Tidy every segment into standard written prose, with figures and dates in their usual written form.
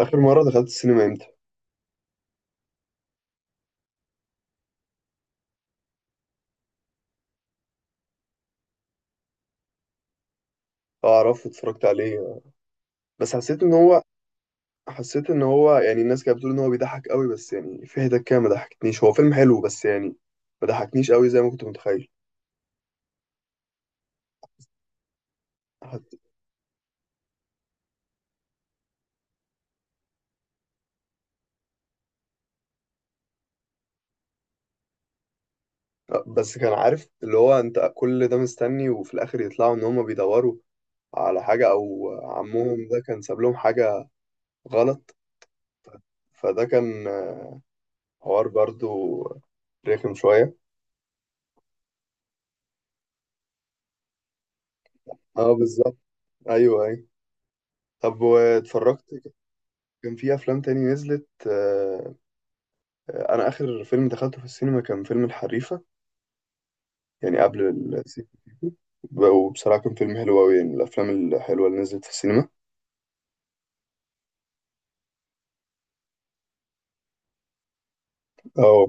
اخر مره دخلت السينما امتى؟ اعرف، اتفرجت عليه. بس حسيت ان هو يعني الناس كانت بتقول ان هو بيضحك قوي، بس يعني في حتت كده ما ضحكتنيش. هو فيلم حلو بس يعني ما ضحكنيش قوي زي ما كنت متخيل. حت- بس كان عارف اللي هو انت كل ده مستني، وفي الاخر يطلعوا ان هم بيدوروا على حاجه، او عمهم ده كان ساب لهم حاجه غلط. فده كان حوار برضو رخم شويه. اه، بالظبط. ايوه ايوه. طب واتفرجت؟ كان في افلام تاني نزلت، انا اخر فيلم دخلته في السينما كان فيلم الحريفه، يعني قبل السيكو سيكو. وبصراحه كان فيلم حلو قوي، يعني من الافلام الحلوه اللي نزلت في السينما. اه.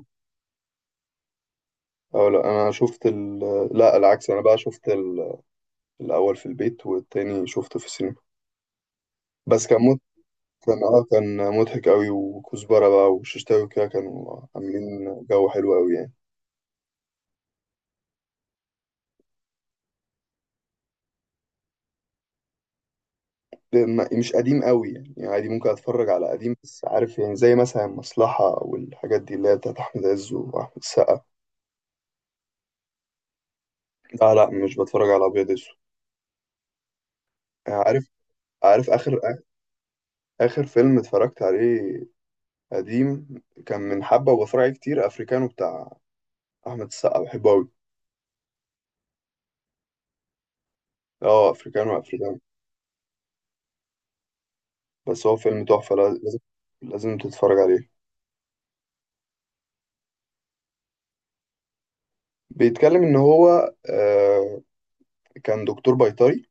اه، لا انا شفت لا العكس، انا بقى شفت الاول في البيت والتاني شفته في السينما. بس كان مت... كان مضحك قوي، وكزبره بقى وششتاوي وكده كانوا عاملين جو حلو قوي يعني. مش قديم قوي يعني، يعني عادي ممكن اتفرج على قديم، بس عارف يعني زي مثلا المصلحه والحاجات دي اللي هي بتاعت احمد عز واحمد السقا. لا لا، مش بتفرج على ابيض اسود. عارف عارف، اخر فيلم اتفرجت عليه قديم، كان من حبه وبتفرج عليه كتير، افريكانو بتاع احمد السقا، بحبه قوي. اه، افريكانو افريكانو. بس هو فيلم تحفه، لازم لازم تتفرج عليه. بيتكلم ان هو كان دكتور بيطري،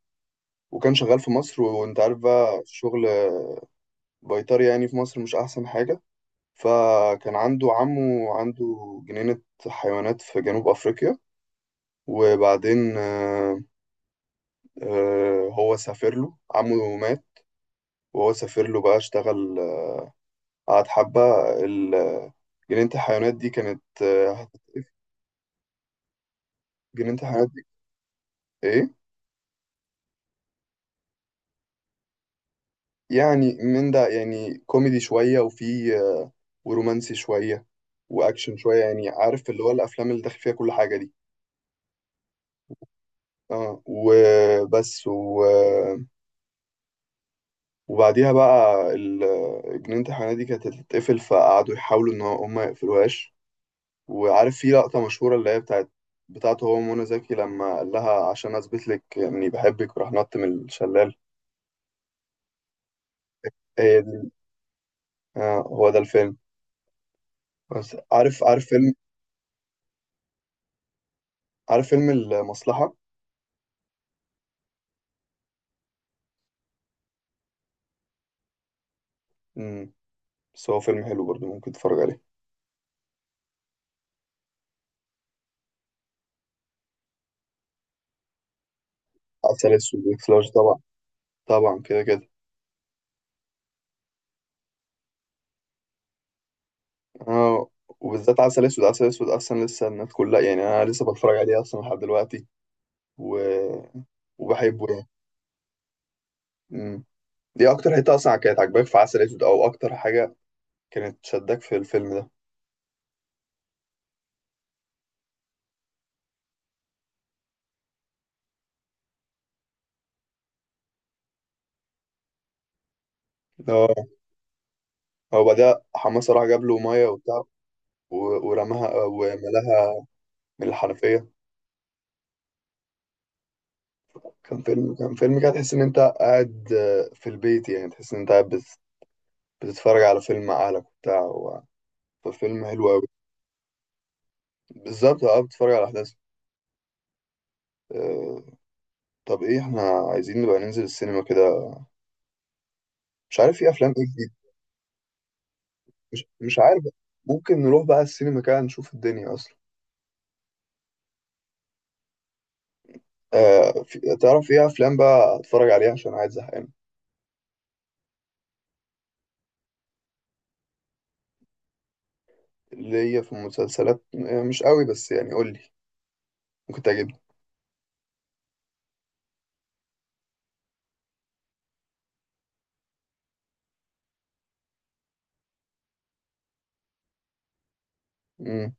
وكان شغال في مصر، وانت عارف بقى شغل بيطري يعني في مصر مش احسن حاجه. فكان عنده عمه، عنده جنينه حيوانات في جنوب افريقيا. وبعدين هو سافر، له عمه مات، وهو سافر له بقى اشتغل، قعد حبة. ال- جنينة الحيوانات دي كانت، جنينة الحيوانات دي. ايه؟ يعني من ده، يعني كوميدي شوية وفي ورومانسي شوية وأكشن شوية، يعني عارف اللي هو الأفلام اللي داخل فيها كل حاجة دي. اه، وبس وبعديها بقى جنينة الحيوانات دي كانت هتتقفل، فقعدوا يحاولوا إن هم ما يقفلوهاش. وعارف في لقطة مشهورة اللي هي بتاعت بتاعته، هو ومنى زكي، لما قال لها عشان أثبت لك إني بحبك وراح نط من الشلال. هي دي، آه هو ده الفيلم. بس عارف، عارف فيلم المصلحة. مم. بس هو فيلم حلو برضه، ممكن تتفرج عليه. عسل أسود وإكس لارج طبعا. طبعا كده كده. آه. وبالذات عسل أسود، عسل أسود أصلا لسه الناس كلها، يعني أنا لسه بتفرج عليه أصلا لحد دلوقتي و... وبحبه يعني. مم. دي أكتر حتة أصلا كانت عاجباك في عسل أسود، أو أكتر حاجة كانت شدك في الفيلم ده؟ اه، هو بعدها حماسة راح جاب له مية وبتاع، ورماها وملاها من الحنفية. كان فيلم كده تحس إن أنت قاعد، في البيت، يعني تحس إن أنت قاعد بتتفرج على فيلم مع أهلك وبتاع، ففيلم حلو أوي. بالظبط، أه، بتتفرج على أحداث. آه، طب إيه إحنا عايزين نبقى ننزل السينما كده، مش عارف في أفلام إيه جديد. مش عارف. ممكن نروح بقى السينما كده نشوف الدنيا أصلا. تعرف إيه أفلام بقى أتفرج عليها عشان قاعد زهقان؟ اللي هي في المسلسلات مش قوي، بس يعني قول لي، ممكن تعجبني. مم.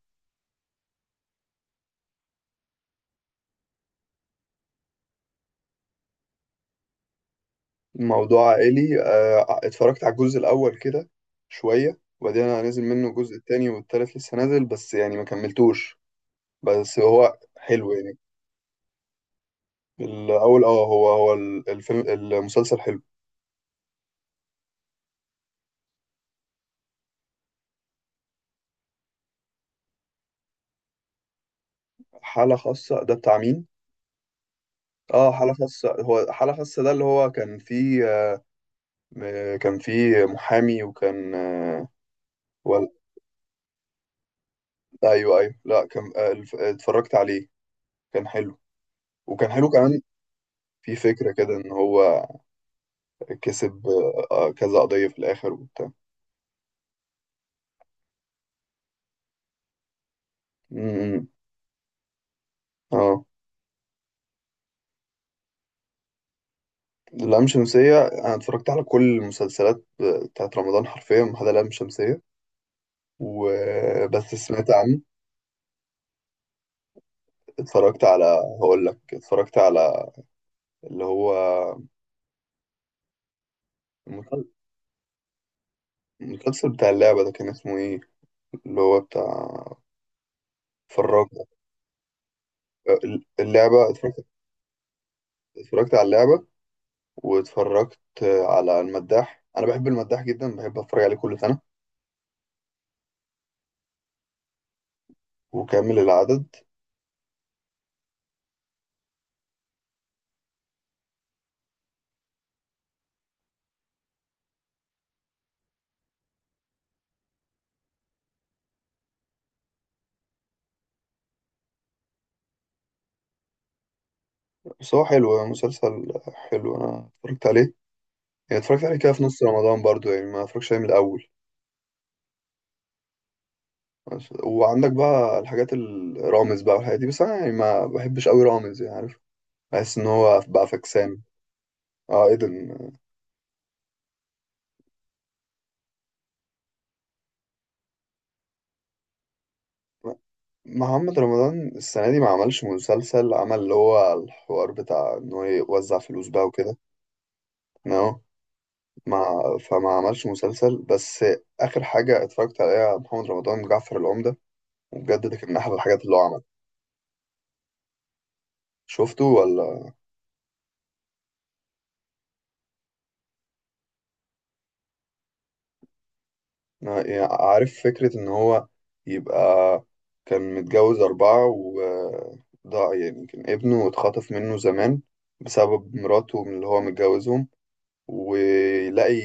موضوع عائلي، اتفرجت على الجزء الأول كده شوية، وبعدين أنا نازل منه، الجزء التاني والتالت لسه نازل بس يعني ما كملتوش. بس هو حلو يعني. الأول اه، هو الفيلم المسلسل حلو. حالة خاصة ده بتاع مين؟ اه، حالة خاصة، هو حالة خاصة ده اللي هو كان فيه، كان فيه محامي وكان، ولا. أيوه أيوه، لا كان، اتفرجت عليه. كان حلو، وكان حلو كمان. في فكرة كده إن هو كسب، كذا قضية في الآخر وبتاع. امم. اه. اللام شمسية أنا اتفرجت على كل المسلسلات بتاعت رمضان حرفيا ما عدا لام شمسية، وبس سمعت عنه. اتفرجت على، هقول لك اتفرجت على اللي هو المسل- المسلسل بتاع اللعبة ده، كان اسمه ايه؟ اللي هو بتاع، اتفرجت، اللعبة، اتفرجت على اللعبة، واتفرجت على المداح. انا بحب المداح جدا، بحب اتفرج عليه كل سنة، وكامل العدد. بس هو حلو، مسلسل حلو، انا اتفرجت عليه. يعني اتفرجت عليه كده في نص رمضان برضو، يعني ما اتفرجش عليه من الاول. وعندك بقى الحاجات الرامز بقى والحاجات دي، بس انا يعني ما بحبش قوي رامز، يعني عارف، بحس ان هو بقى فكسان. اه، ايه ده محمد رمضان السنه دي ما عملش مسلسل. عمل اللي هو الحوار بتاع ان هو يوزع فلوس بقى وكده. نو، ما فما عملش مسلسل، بس اخر حاجه اتفرجت عليها محمد رمضان جعفر العمده، وبجد ده كان من احلى الحاجات اللي هو عملها. شفته ولا؟ أنا يعني عارف فكرة إن هو يبقى كان متجوز أربعة وضاع، يعني كان ابنه اتخطف منه زمان بسبب مراته من اللي هو متجوزهم. ويلاقي،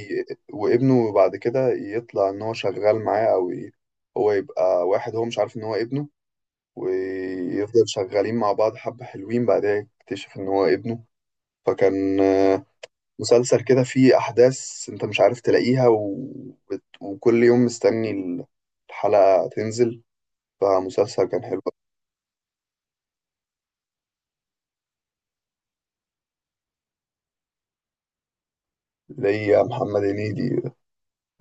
وابنه بعد كده يطلع إن هو شغال معاه، هو يبقى واحد هو مش عارف إن هو ابنه. ويفضل شغالين مع بعض حبة حلوين، بعدها يكتشف إن هو ابنه. فكان مسلسل كده فيه أحداث أنت مش عارف تلاقيها، وكل يوم مستني الحلقة تنزل. فمسلسل كان حلو. ليا محمد هنيدي،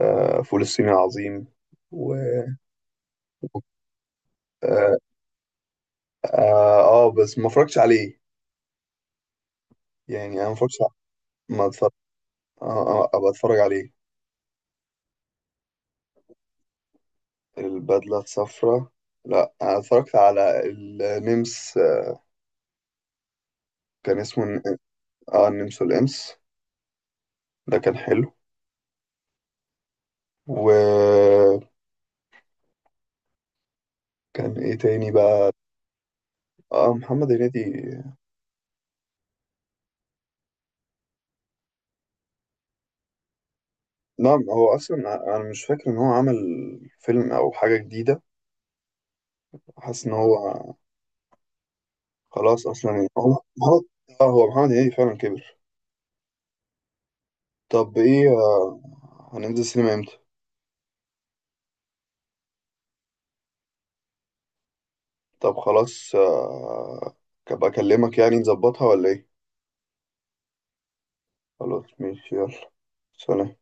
فول الصين العظيم و، آه, آه, آه بس ما اتفرجتش عليه، يعني أنا ما اتفرج. آه, آه أبقى أتفرج عليه. البدلة الصفراء، لا أنا اتفرجت على النمس، كان اسمه الن- آه النمس والإمس، ده كان حلو. وكان إيه تاني بقى. اه، محمد هنيدي. نعم، هو اصلا انا مش فاكر ان هو عمل فيلم او حاجه جديده. حاسس ان هو خلاص اصلا، يعني هو محمد اه، هو محمد هنيدي فعلا كبر. طب ايه، هننزل سينما امتى؟ طب خلاص، ابقى اكلمك يعني نظبطها ولا ايه؟ خلاص، ماشي، يلا، سلام.